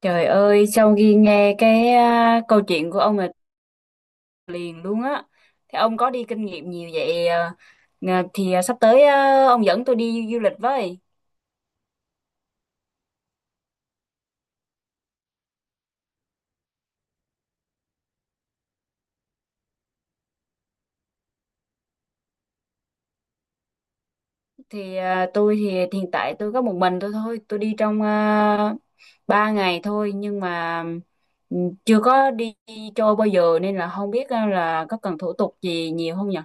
Trời ơi, sau khi nghe cái câu chuyện của ông là liền luôn á. Thì ông có đi kinh nghiệm nhiều vậy à? Sắp tới ông dẫn tôi đi du lịch với. Thì tôi thì hiện tại tôi có một mình tôi thôi, tôi đi trong 3 ngày thôi, nhưng mà ừ, chưa có đi chơi bao giờ nên là không biết là có cần thủ tục gì nhiều không nhỉ?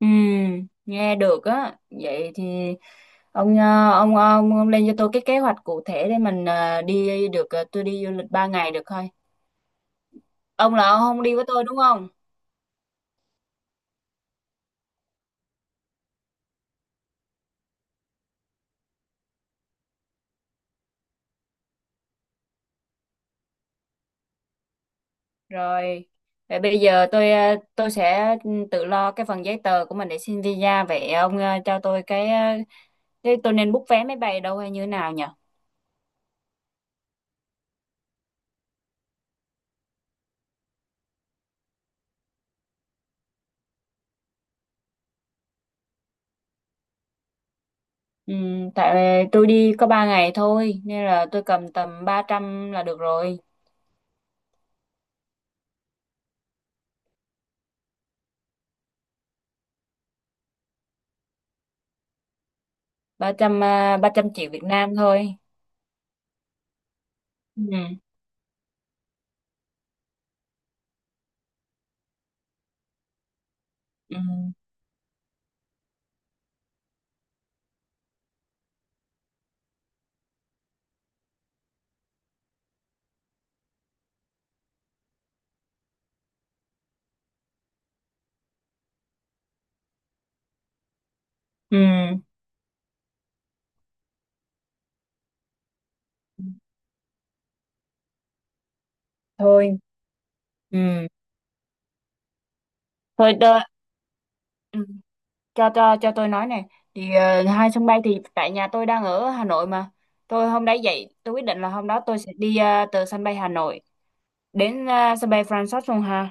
Ừ, nghe được á. Vậy thì Ông, ờ, ông lên cho tôi cái kế hoạch cụ thể để mình đi được, tôi đi du lịch 3 ngày được thôi. Ông là ông không đi với tôi đúng không? Rồi. Vậy bây giờ tôi tôi sẽ ừ, tự lo cái phần giấy tờ của mình để xin visa, vậy ông ờ, cho tôi cái ờ, thế tôi nên book vé máy bay đâu hay như thế nào nhỉ? Ừ, tại tôi đi có 3 ngày thôi nên là tôi cầm tầm ba trăm là được rồi. Ba trăm ba trăm triệu Việt Nam thôi. Ừ. Ừ. Ừ. Thôi. Ừ. Thôi. Ừ. Cho tôi nói này, thì ờ, hai sân bay thì tại nhà tôi đang ở Hà Nội mà, tôi hôm đấy dậy tôi quyết định là hôm đó tôi sẽ đi từ sân bay Hà Nội đến sân bay Francis luôn hà.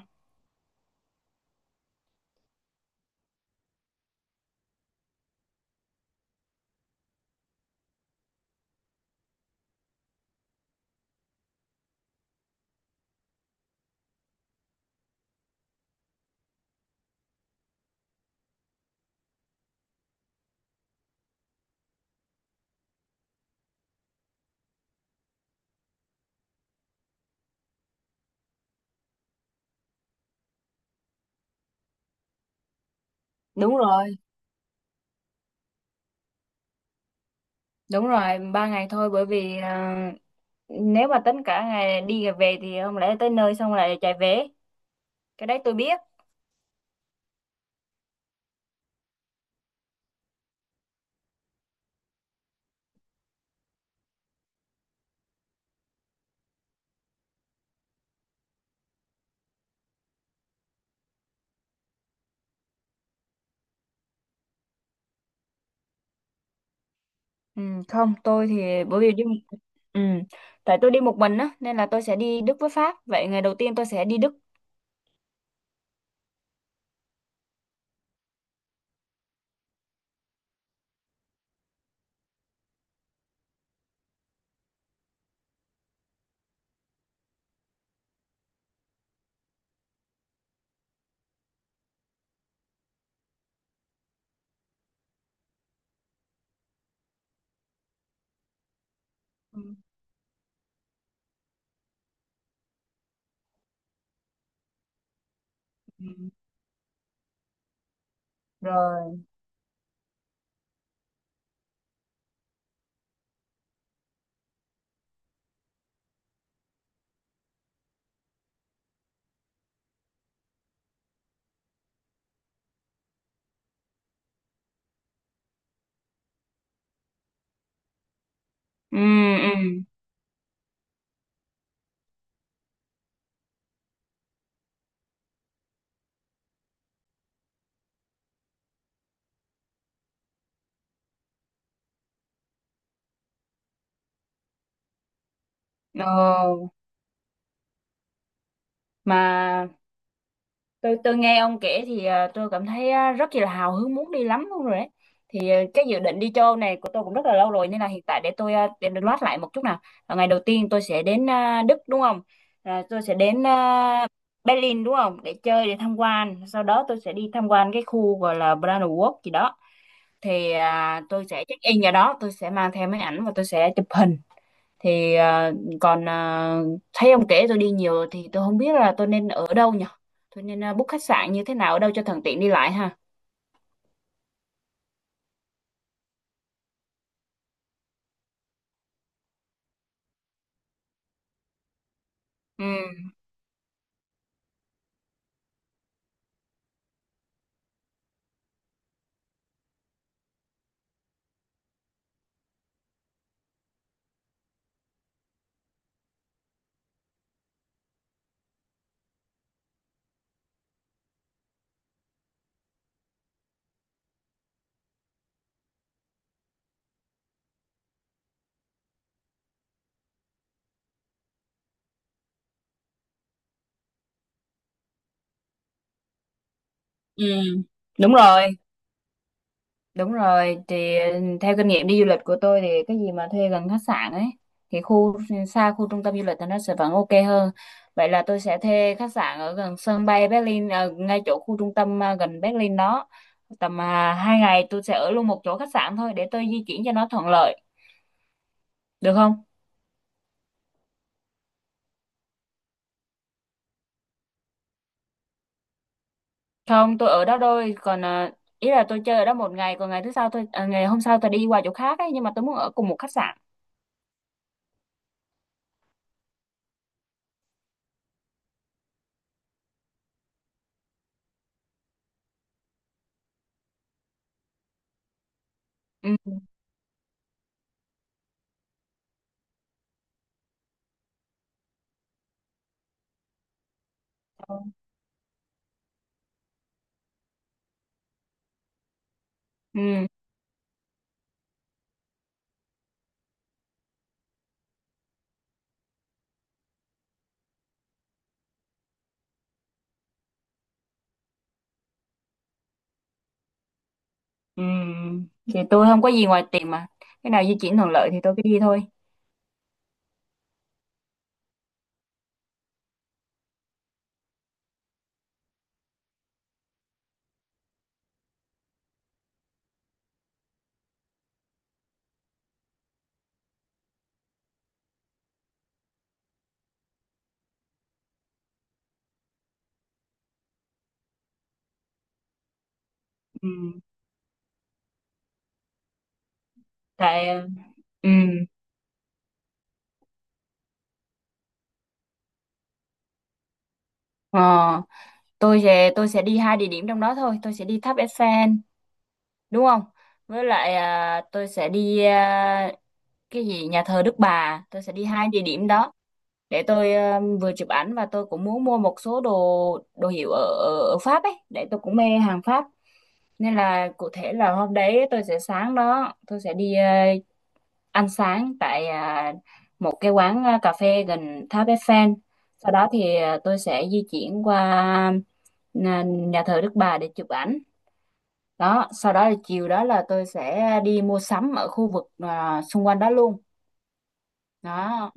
Đúng rồi, đúng rồi, ba ngày thôi, bởi vì ờ, nếu mà tính cả ngày đi về thì không lẽ tới nơi xong lại chạy về, cái đấy tôi biết. Ừ, không, tôi thì bởi vì đi ừ, tại tôi đi một mình á nên là tôi sẽ đi Đức với Pháp, vậy ngày đầu tiên tôi sẽ đi Đức. Ừ. Ừ. Rồi. Ừ. Ừ. Ờ, mà tôi nghe ông kể thì tôi cảm thấy rất là hào hứng muốn đi lắm luôn rồi đấy. Thì cái dự định đi châu này của tôi cũng rất là lâu rồi, nên là hiện tại để tôi để được loát lại một chút nào. Ờ, ngày đầu tiên tôi sẽ đến Đức đúng không? À, tôi sẽ đến Berlin đúng không? Để chơi, để tham quan. Sau đó tôi sẽ đi tham quan cái khu gọi là Brandenburg gì đó. Thì tôi sẽ check in vào đó, tôi sẽ mang theo máy ảnh và tôi sẽ chụp hình. Thì còn ờ, thấy ông kể tôi đi nhiều, thì tôi không biết là tôi nên ở đâu nhỉ, tôi nên book khách sạn như thế nào, ở đâu cho thuận tiện đi lại ha. Ừ. Ừ. Đúng rồi, đúng rồi, thì ờ, theo kinh nghiệm đi du lịch của tôi thì cái gì mà thuê gần khách sạn ấy, thì khu xa khu trung tâm du lịch thì nó sẽ vẫn ok hơn. Vậy là tôi sẽ thuê khách sạn ở gần sân bay Berlin, ngay chỗ khu trung tâm gần Berlin đó. Tầm hai ngày tôi sẽ ở luôn một chỗ khách sạn thôi để tôi di chuyển cho nó thuận lợi, được không? Không, tôi ở đó thôi, còn ý là tôi chơi ở đó một ngày, còn ngày thứ sau tôi ngày hôm sau tôi đi qua chỗ khác ấy, nhưng mà tôi muốn ở cùng một khách sạn. Ừ. Ừ. Ừ. Thì tôi không có gì ngoài tiền mà. Cái nào di chuyển thuận lợi thì tôi cứ đi thôi. Ừ. Tại ừ. Ờ, tôi sẽ đi hai địa điểm trong đó thôi, tôi sẽ đi tháp Eiffel, đúng không? Với lại tôi sẽ đi cái gì nhà thờ Đức Bà, tôi sẽ đi hai địa điểm đó. Để tôi vừa chụp ảnh và tôi cũng muốn mua một số đồ, đồ hiệu ở, ở Pháp ấy, để tôi cũng mê hàng Pháp nên là cụ thể là hôm đấy tôi sẽ sáng đó tôi sẽ đi ăn sáng tại một cái quán cà phê gần Tháp Eiffel, sau đó thì ờ, tôi sẽ di chuyển qua nhà thờ Đức Bà để chụp ảnh đó, sau đó là chiều đó là tôi sẽ đi mua sắm ở khu vực xung quanh đó luôn đó.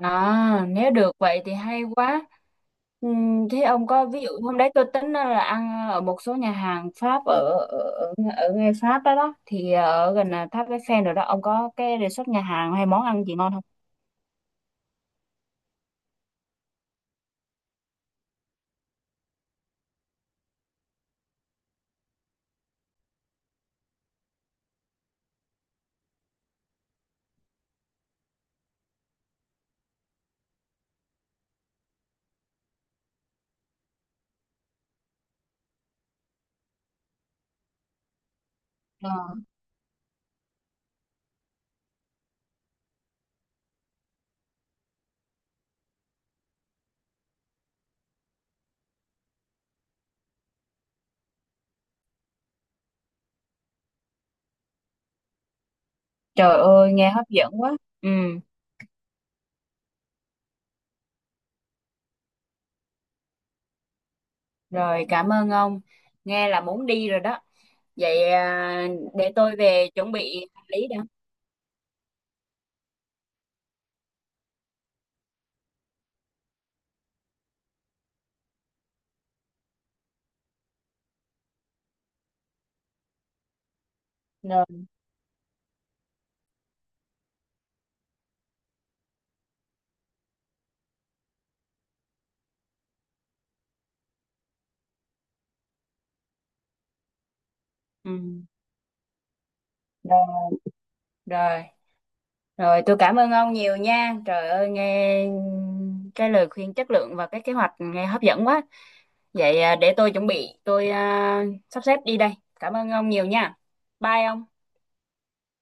À, nếu được vậy thì hay quá. Thế ông có, ví dụ hôm đấy tôi tính là ăn ở một số nhà hàng Pháp ở ở ngay Pháp đó, đó thì ở gần là tháp Eiffel rồi đó, ông có cái đề xuất nhà hàng hay món ăn gì ngon không? Ờ, trời ơi nghe hấp dẫn quá. Ừ, rồi cảm ơn ông. Nghe là muốn đi rồi đó. Vậy để tôi về chuẩn bị hành lý đã. Rồi. Ừ. Rồi. Rồi. Rồi tôi cảm ơn ông nhiều nha. Trời ơi nghe cái lời khuyên chất lượng và cái kế hoạch nghe hấp dẫn quá. Vậy để tôi chuẩn bị, tôi sắp xếp đi đây. Cảm ơn ông nhiều nha. Bye ông.